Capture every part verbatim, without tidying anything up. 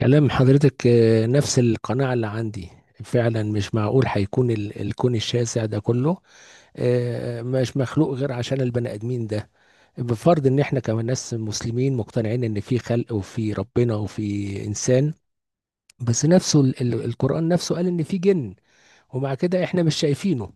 كلام حضرتك، آه، نفس القناعة اللي عندي. فعلا مش معقول هيكون ال- الكون الشاسع ده كله، آه، مش مخلوق غير عشان البني آدمين ده. بفرض ان احنا كمان ناس مسلمين مقتنعين ان في خلق وفي ربنا وفي انسان، بس نفسه ال- ال- القرآن نفسه قال ان في جن، ومع كده احنا مش شايفينه.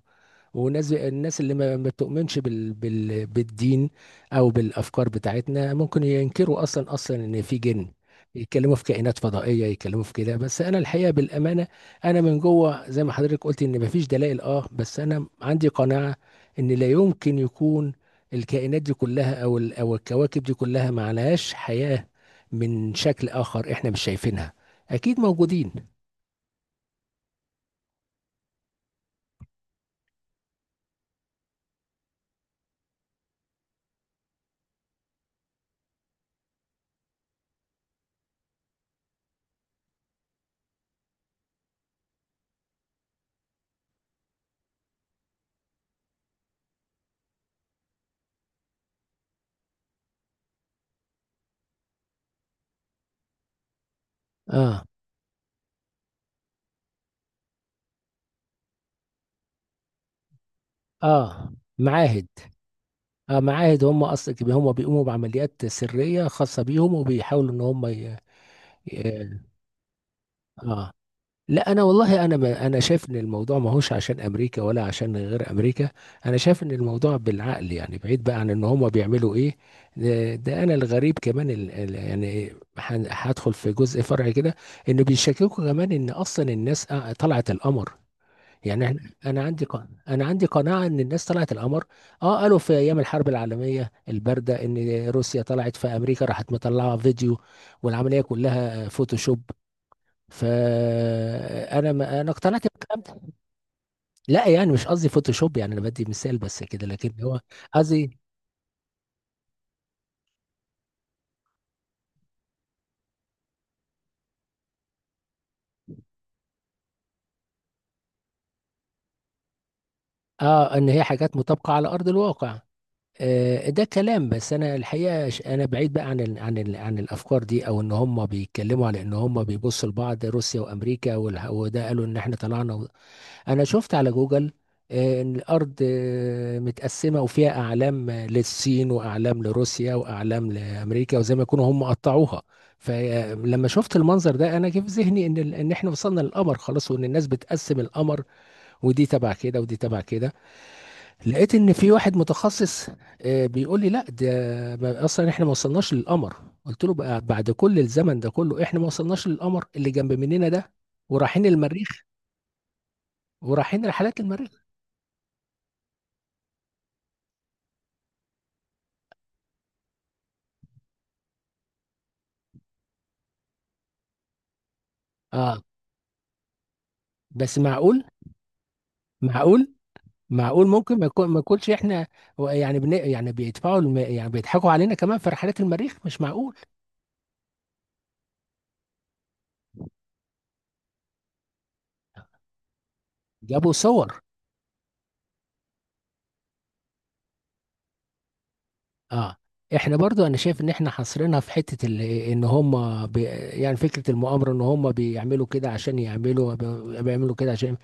وناس الناس اللي ما ما بتؤمنش بال... بال... بالدين او بالافكار بتاعتنا ممكن ينكروا اصلا اصلا ان في جن، يتكلموا في كائنات فضائيه، يتكلموا في كده. بس انا الحقيقه بالامانه، انا من جوه زي ما حضرتك قلت ان ما فيش دلائل، اه، بس انا عندي قناعه ان لا يمكن يكون الكائنات دي كلها او ال... او الكواكب دي كلها ما عليهاش حياه من شكل اخر احنا مش شايفينها، اكيد موجودين. اه. اه، معاهد. آه، معاهد، هم اصلا هم بيقوموا بعمليات سريه خاصه بيهم، وبيحاولوا ان هم ي... ي... اه. لا، انا والله انا ما انا شايف ان الموضوع ما هوش عشان امريكا ولا عشان غير امريكا. انا شايف ان الموضوع بالعقل، يعني بعيد بقى عن ان هم بيعملوا ايه. ده, ده انا الغريب كمان ال... ال- يعني، هن- هدخل في جزء فرعي كده. انه بيشككوا كمان ان اصلا الناس آه، طلعت القمر. يعني احنا، انا عندي ق- انا عندي قناعه ان الناس طلعت القمر. اه، قالوا في ايام الحرب العالميه البارده ان روسيا طلعت في امريكا، راحت مطلعه فيديو والعمليه كلها فوتوشوب، فانا ما انا اقتنعت بالكلام ده. لا، يعني مش قصدي فوتوشوب، يعني انا بدي مثال بس كده، لكن هو قصدي. اه، ان هي حاجات مطابقه على ارض الواقع. آه، ده كلام. بس انا الحقيقه، ش- انا بعيد بقى عن ال عن ال عن الافكار دي، او ان هم بيتكلموا على ان هم بيبصوا لبعض روسيا وامريكا والح- وده، قالوا ان احنا طلعنا و... انا شفت على جوجل آه، ان الارض آه، متقسمه، وفيها اعلام آه، للصين، واعلام لروسيا، واعلام لامريكا، وزي ما يكونوا هم قطعوها. فلما شفت المنظر ده، انا جه في ذهني ان ال- ان احنا وصلنا للقمر خلاص، وان الناس بتقسم القمر، ودي تبع كده ودي تبع كده. لقيت ان في واحد متخصص، آه، بيقول لي: لا ده، ما- اصلا احنا ما وصلناش للقمر. قلت له: بقى بعد كل الزمن ده كله احنا ما وصلناش للقمر اللي جنب مننا ده، ورايحين المريخ، ورايحين رحلات المريخ. اه. بس معقول؟ معقول؟ معقول ممكن ما يكون ما يكونش احنا. يعني بن... يعني بيدفعوا الم... يعني بيضحكوا علينا كمان في رحلات المريخ، مش معقول. جابوا صور. اه، احنا برضو انا شايف ان احنا حاصرينها في حتة ال- ان هم بي يعني فكرة المؤامرة ان هم بيعملوا كده عشان يعملوا بي- بيعملوا كده عشان.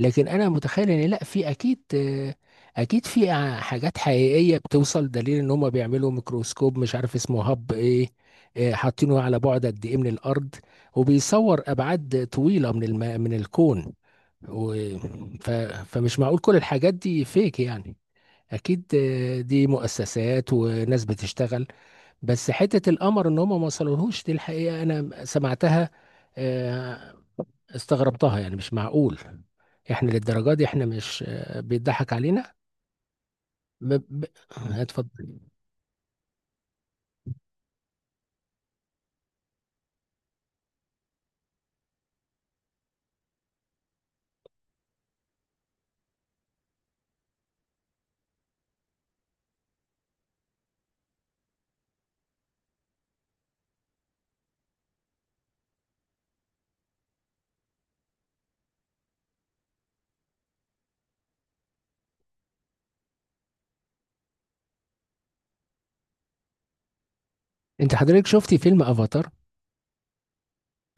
لكن انا متخيل ان لا، في اكيد، آه، اكيد في ع- حاجات حقيقية بتوصل دليل ان هم بيعملوا ميكروسكوب، مش عارف اسمه هب ايه، آه، حاطينه على بعد قد ايه من الارض، وبيصور ابعاد طويلة من الم... من الكون و... ف... فمش معقول كل الحاجات دي فيك، يعني اكيد، آه، دي مؤسسات وناس بتشتغل. بس حتة القمر ان هم ما وصلوهوش، دي الحقيقة انا سمعتها، آه، استغربتها. يعني مش معقول احنا للدرجة دي، احنا مش، آه، بيضحك علينا؟ ب... ب... اتفضل. انت حضرتك شفتي فيلم افاتار؟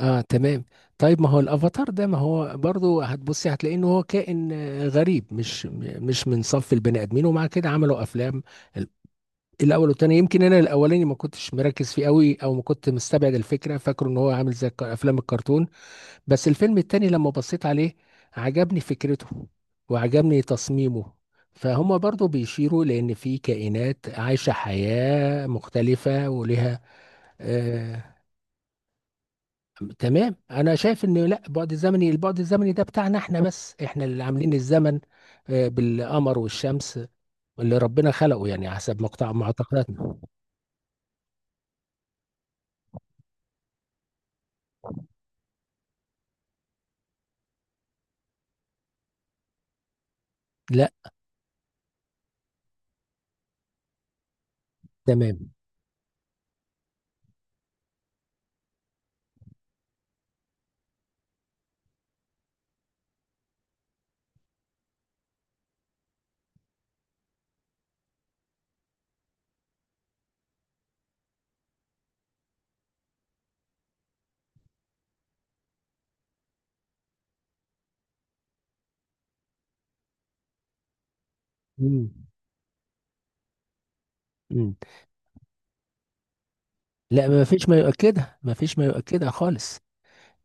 اه، تمام. طيب، ما هو الافاتار ده، ما هو برضو هتبصي هتلاقي ان هو كائن آه، غريب، مش م- مش من صف البني ادمين، ومع كده عملوا افلام. ال- الاول والتاني، يمكن انا الاولاني ما كنتش مركز فيه قوي، او ما كنت مستبعد الفكره، فاكره ان هو عامل زي الك- افلام الكرتون. بس الفيلم التاني لما بصيت عليه، عجبني فكرته وعجبني تصميمه. فهم برضو بيشيروا لان في كائنات عايشه حياه مختلفه ولها. تمام، انا شايف ان لا، بعد الزمني البعد الزمني ده بتاعنا احنا، بس احنا اللي عاملين الزمن آه، بالقمر والشمس اللي ربنا خلقه، يعني حسب مقطع معتقداتنا. لا. تمام. مم. مم. لا، ما فيش ما يؤكدها، ما فيش ما يؤكدها خالص.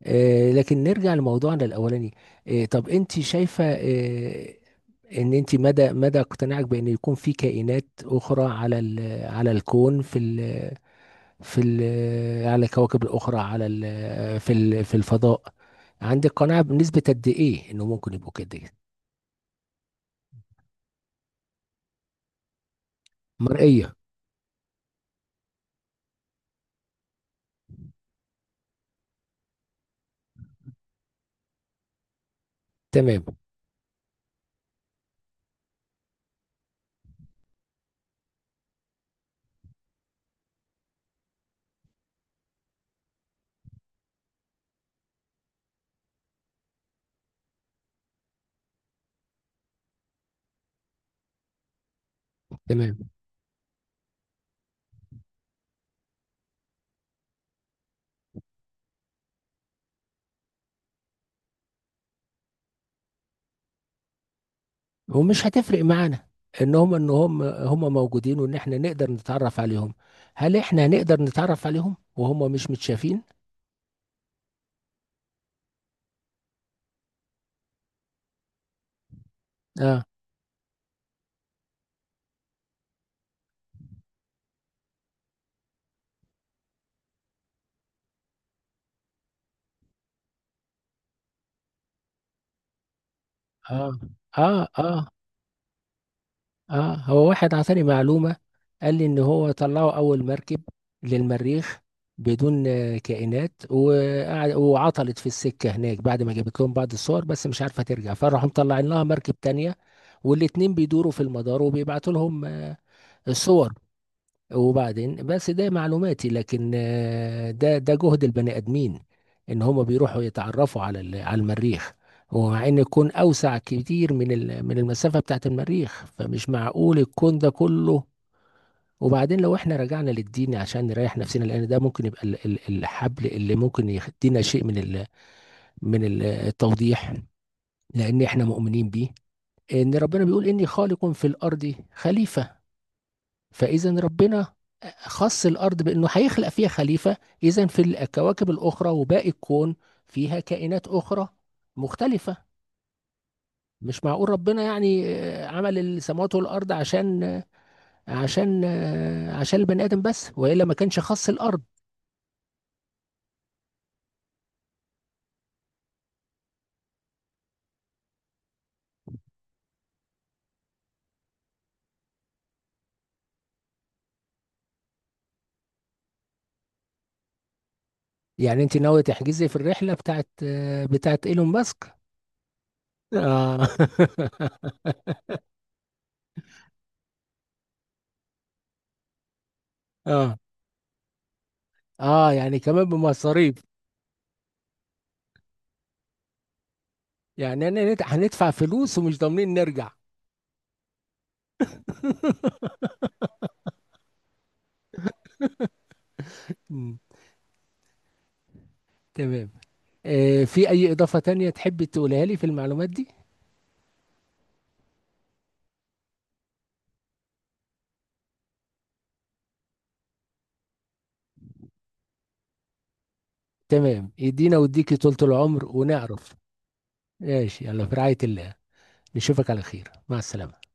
آه، لكن نرجع لموضوعنا الاولاني. آه، طب انت شايفة، آه، ان انت، مدى مدى اقتناعك بان يكون في كائنات اخرى على ال- على الكون، في في ال- على الكواكب الأخرى، على ال- في ال- في الفضاء، عندك قناعة بنسبة قد إيه إنه ممكن يبقوا كده يعني؟ مرئية. تمام. تمام. ومش هتفرق معانا إن هم إن هم هم موجودين، وإن إحنا نقدر نتعرف عليهم. هل إحنا هنقدر نتعرف عليهم وهم مش متشافين؟ آه. آه. آه. آه. اه، هو واحد عطاني معلومة، قال لي ان هو طلعوا اول مركب للمريخ بدون آه، كائنات، وقعد وعطلت في السكة هناك بعد ما جابت لهم بعض الصور، بس مش عارفة ترجع، فراحوا مطلعين لها مركب تانية، والاتنين بيدوروا في المدار وبيبعتوا لهم آه، الصور. وبعدين، بس ده معلوماتي. لكن آه، ده ده جهد البني ادمين ان هم بيروحوا يتعرفوا على ال- على المريخ، ومع ان الكون اوسع كتير من ال- من المسافه بتاعت المريخ، فمش معقول الكون ده كله. وبعدين لو احنا رجعنا للدين عشان نريح نفسنا، لان ده ممكن يبقى ال- ال- الحبل اللي ممكن يدينا شيء من ال- من ال- التوضيح، لان احنا مؤمنين بيه، ان ربنا بيقول: اني خالق في الارض خليفه. فإذا ربنا خص الأرض بأنه هيخلق فيها خليفة، إذا في الكواكب الأخرى وباقي الكون فيها كائنات أخرى مختلفة. مش معقول ربنا يعني آه، عمل السماوات والأرض عشان آه، عشان آه، عشان البني آدم بس، وإلا ما كانش خص الأرض. يعني أنت ناوية تحجزي في الرحلة بتاعت آه، بتاعت إيلون ماسك؟ آه. آه. آه. يعني كمان بمصاريف؟ يعني أنا هندفع فلوس ومش ضامنين نرجع؟ مم. تمام. آه، في أي إضافة تانية تحب تقولها لي في المعلومات دي؟ تمام، يدينا ويديكي طولة العمر ونعرف. ماشي، يلا، في رعاية الله، نشوفك على خير، مع السلامة.